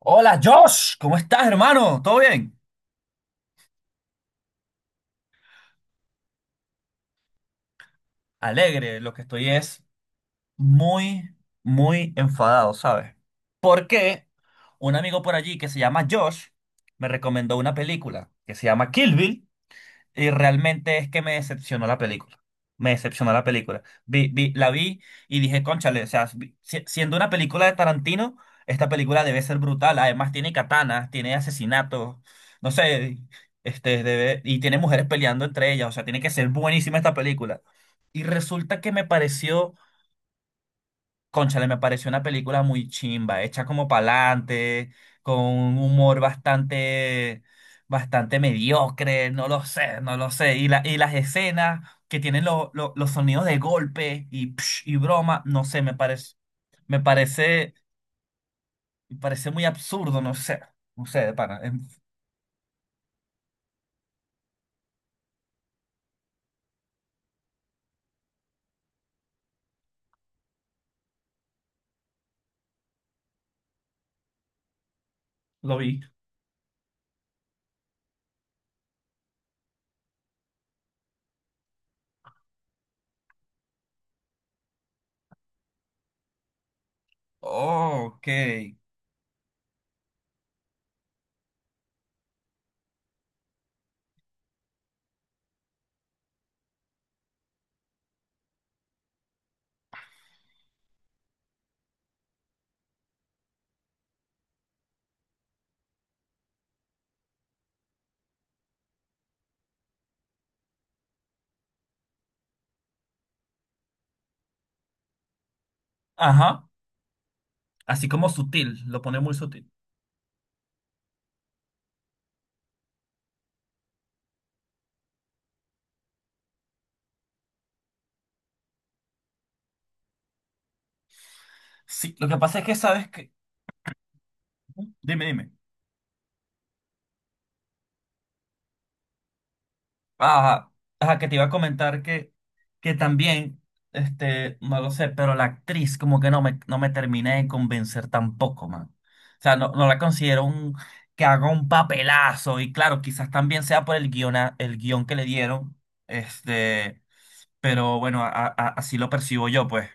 Hola Josh, ¿cómo estás, hermano? ¿Todo bien? Alegre, lo que estoy es muy, muy enfadado, ¿sabes? Porque un amigo por allí que se llama Josh me recomendó una película que se llama Kill Bill. Y realmente es que me decepcionó la película. Me decepcionó la película. La vi y dije, cónchale, o sea, siendo una película de Tarantino, esta película debe ser brutal. Además tiene katanas, tiene asesinatos, no sé, este, debe, y tiene mujeres peleando entre ellas. O sea, tiene que ser buenísima esta película. Y resulta que me pareció. Cónchale, me pareció una película muy chimba, hecha como pa'lante, con un humor bastante mediocre, no lo sé, no lo sé. Y y las escenas que tienen los sonidos de golpe y, psh, y broma, no sé, me parece, me parece muy absurdo, no sé, no sé, de pana, lo vi. Oh, ok. Ajá, así como sutil, lo pone muy sutil. Sí, lo que pasa es que sabes que... Dime, dime. Ajá, ajá, que te iba a comentar que también, este, no lo sé, pero la actriz como que no me terminé de convencer tampoco, man. O sea, no la considero un, que haga un papelazo y claro, quizás también sea por el guion, el guión que le dieron, este, pero bueno, así lo percibo yo, pues.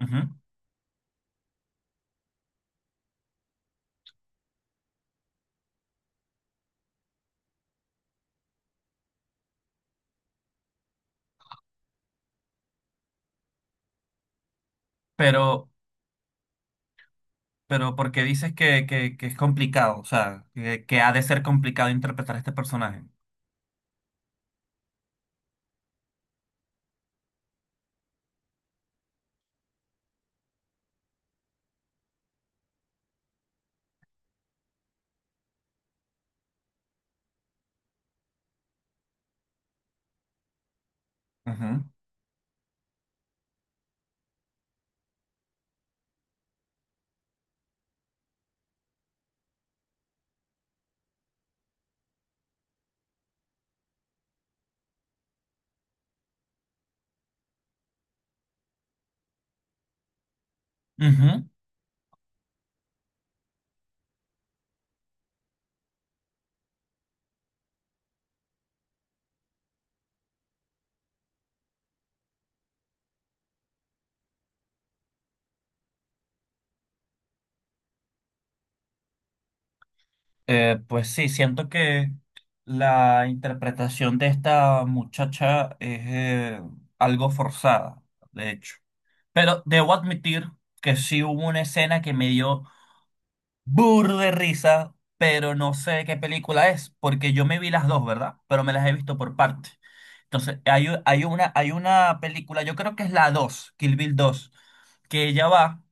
Ujú. Pero, pero ¿por qué dices que es complicado? O sea, que ha de ser complicado interpretar a este personaje. Ujú. Ujú. Pues sí, siento que la interpretación de esta muchacha es algo forzada, de hecho. Pero debo admitir que sí hubo una escena que me dio burro de risa, pero no sé qué película es, porque yo me vi las dos, ¿verdad? Pero me las he visto por partes. Entonces, hay una película, yo creo que es la dos, Kill Bill dos, que ella va.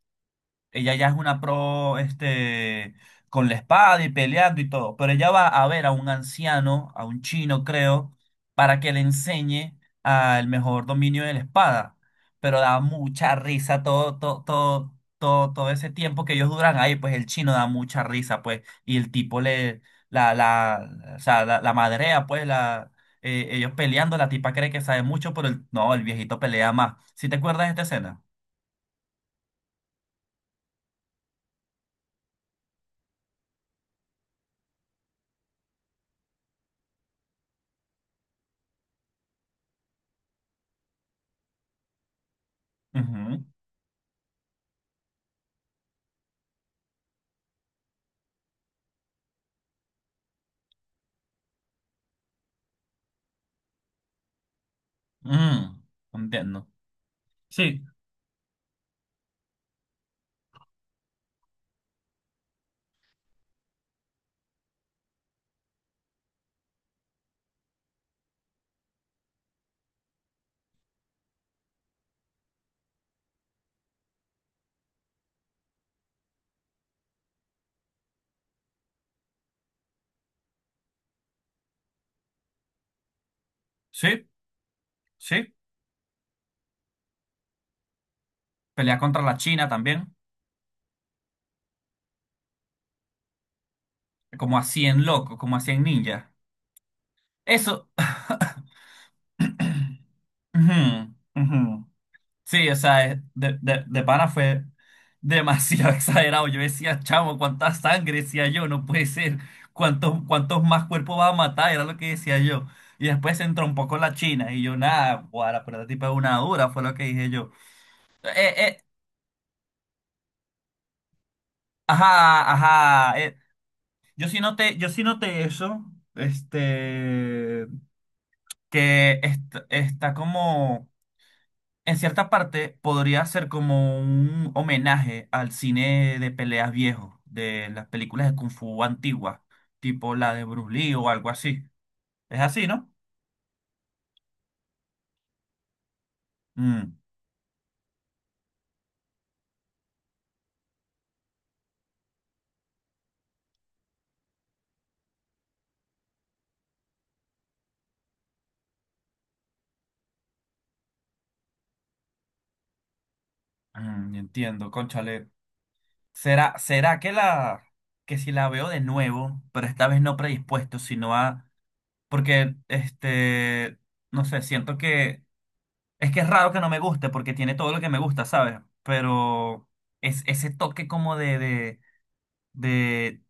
Ella ya es una pro, este, con la espada y peleando y todo, pero ella va a ver a un anciano, a un chino, creo, para que le enseñe al mejor dominio de la espada. Pero da mucha risa todo ese tiempo que ellos duran ahí, pues el chino da mucha risa, pues, y el tipo le, o sea, la madrea, pues, la, ellos peleando, la tipa cree que sabe mucho, pero el- no, el viejito pelea más. ¿Sí te acuerdas de esta escena? Ujú. Mm, entiendo. Sí, sí, sí. Pelea contra la China también. Como a 100 locos, como a cien ninjas. Eso. Ujú, ujú. Sí, o sea, es- de pana fue demasiado exagerado. Yo decía, chamo, cuánta sangre, decía yo, no puede ser. ¿Cuántos, cuántos más cuerpos va a matar? Era lo que decía yo. Y después se entrompó con la China. Y yo, nada, guara, pero la tipa es una dura, fue lo que dije yo. Eh, eh, ajá, ajá. Yo sí noté eso, este, que est- está como, en cierta parte, podría ser como un homenaje al cine de peleas viejo, de las películas de Kung Fu antiguas, tipo la de Bruce Lee o algo así. Es así, ¿no? Mm, entiendo, cónchale. ¿Será, será que la, que si la veo de nuevo, pero esta vez no predispuesto, sino a, porque, este, no sé, siento que es que es raro que no me guste porque tiene todo lo que me gusta, ¿sabes? Pero es ese toque como de,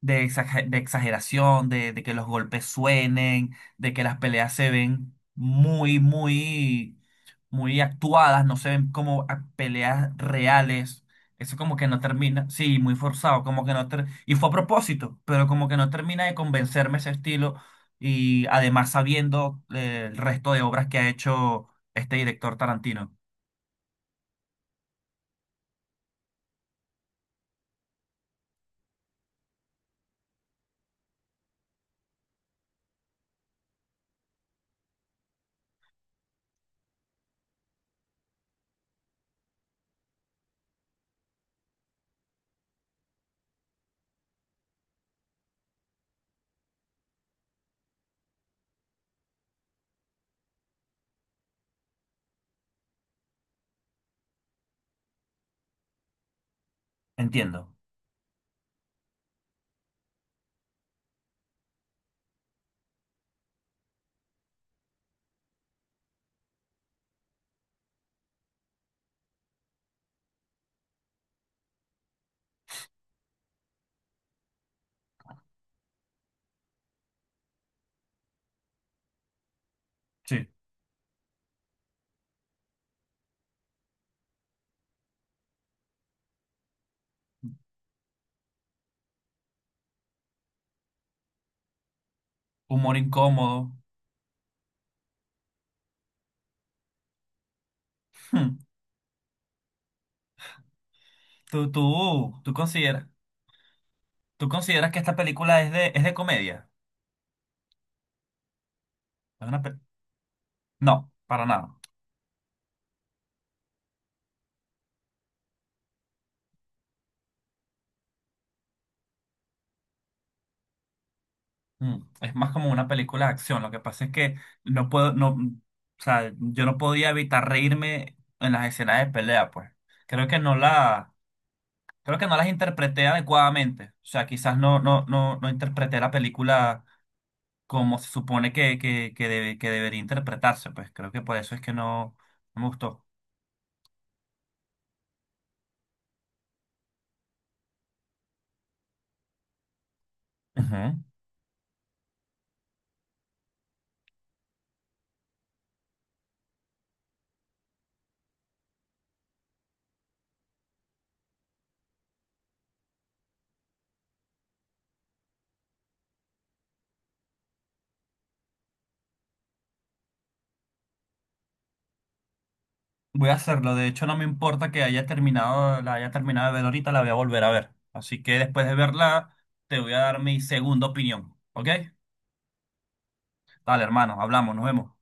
de exageración, de que los golpes suenen, de que las peleas se ven muy actuadas, no se ven como peleas reales. Eso como que no termina, sí, muy forzado, como que no fue a propósito, pero como que no termina de convencerme ese estilo y además sabiendo el resto de obras que ha hecho este director Tarantino. Entiendo. Sí. Humor incómodo. Hmm. ¿Tú consideras? ¿Tú consideras que esta película es es de comedia? ¿Es una pe- No, para nada. Mm, es más como una película de acción. Lo que pasa es que no puedo, no, o sea, yo no podía evitar reírme en las escenas de pelea, pues. Creo que no la, creo que no las interpreté adecuadamente. O sea, quizás no interpreté la película como se supone que debería interpretarse, pues. Creo que por eso es que no, no me gustó. Ujú. Voy a hacerlo. De hecho, no me importa que haya terminado, la haya terminado de ver ahorita, la voy a volver a ver. Así que después de verla, te voy a dar mi segunda opinión. ¿Ok? Dale, hermano, hablamos, nos vemos.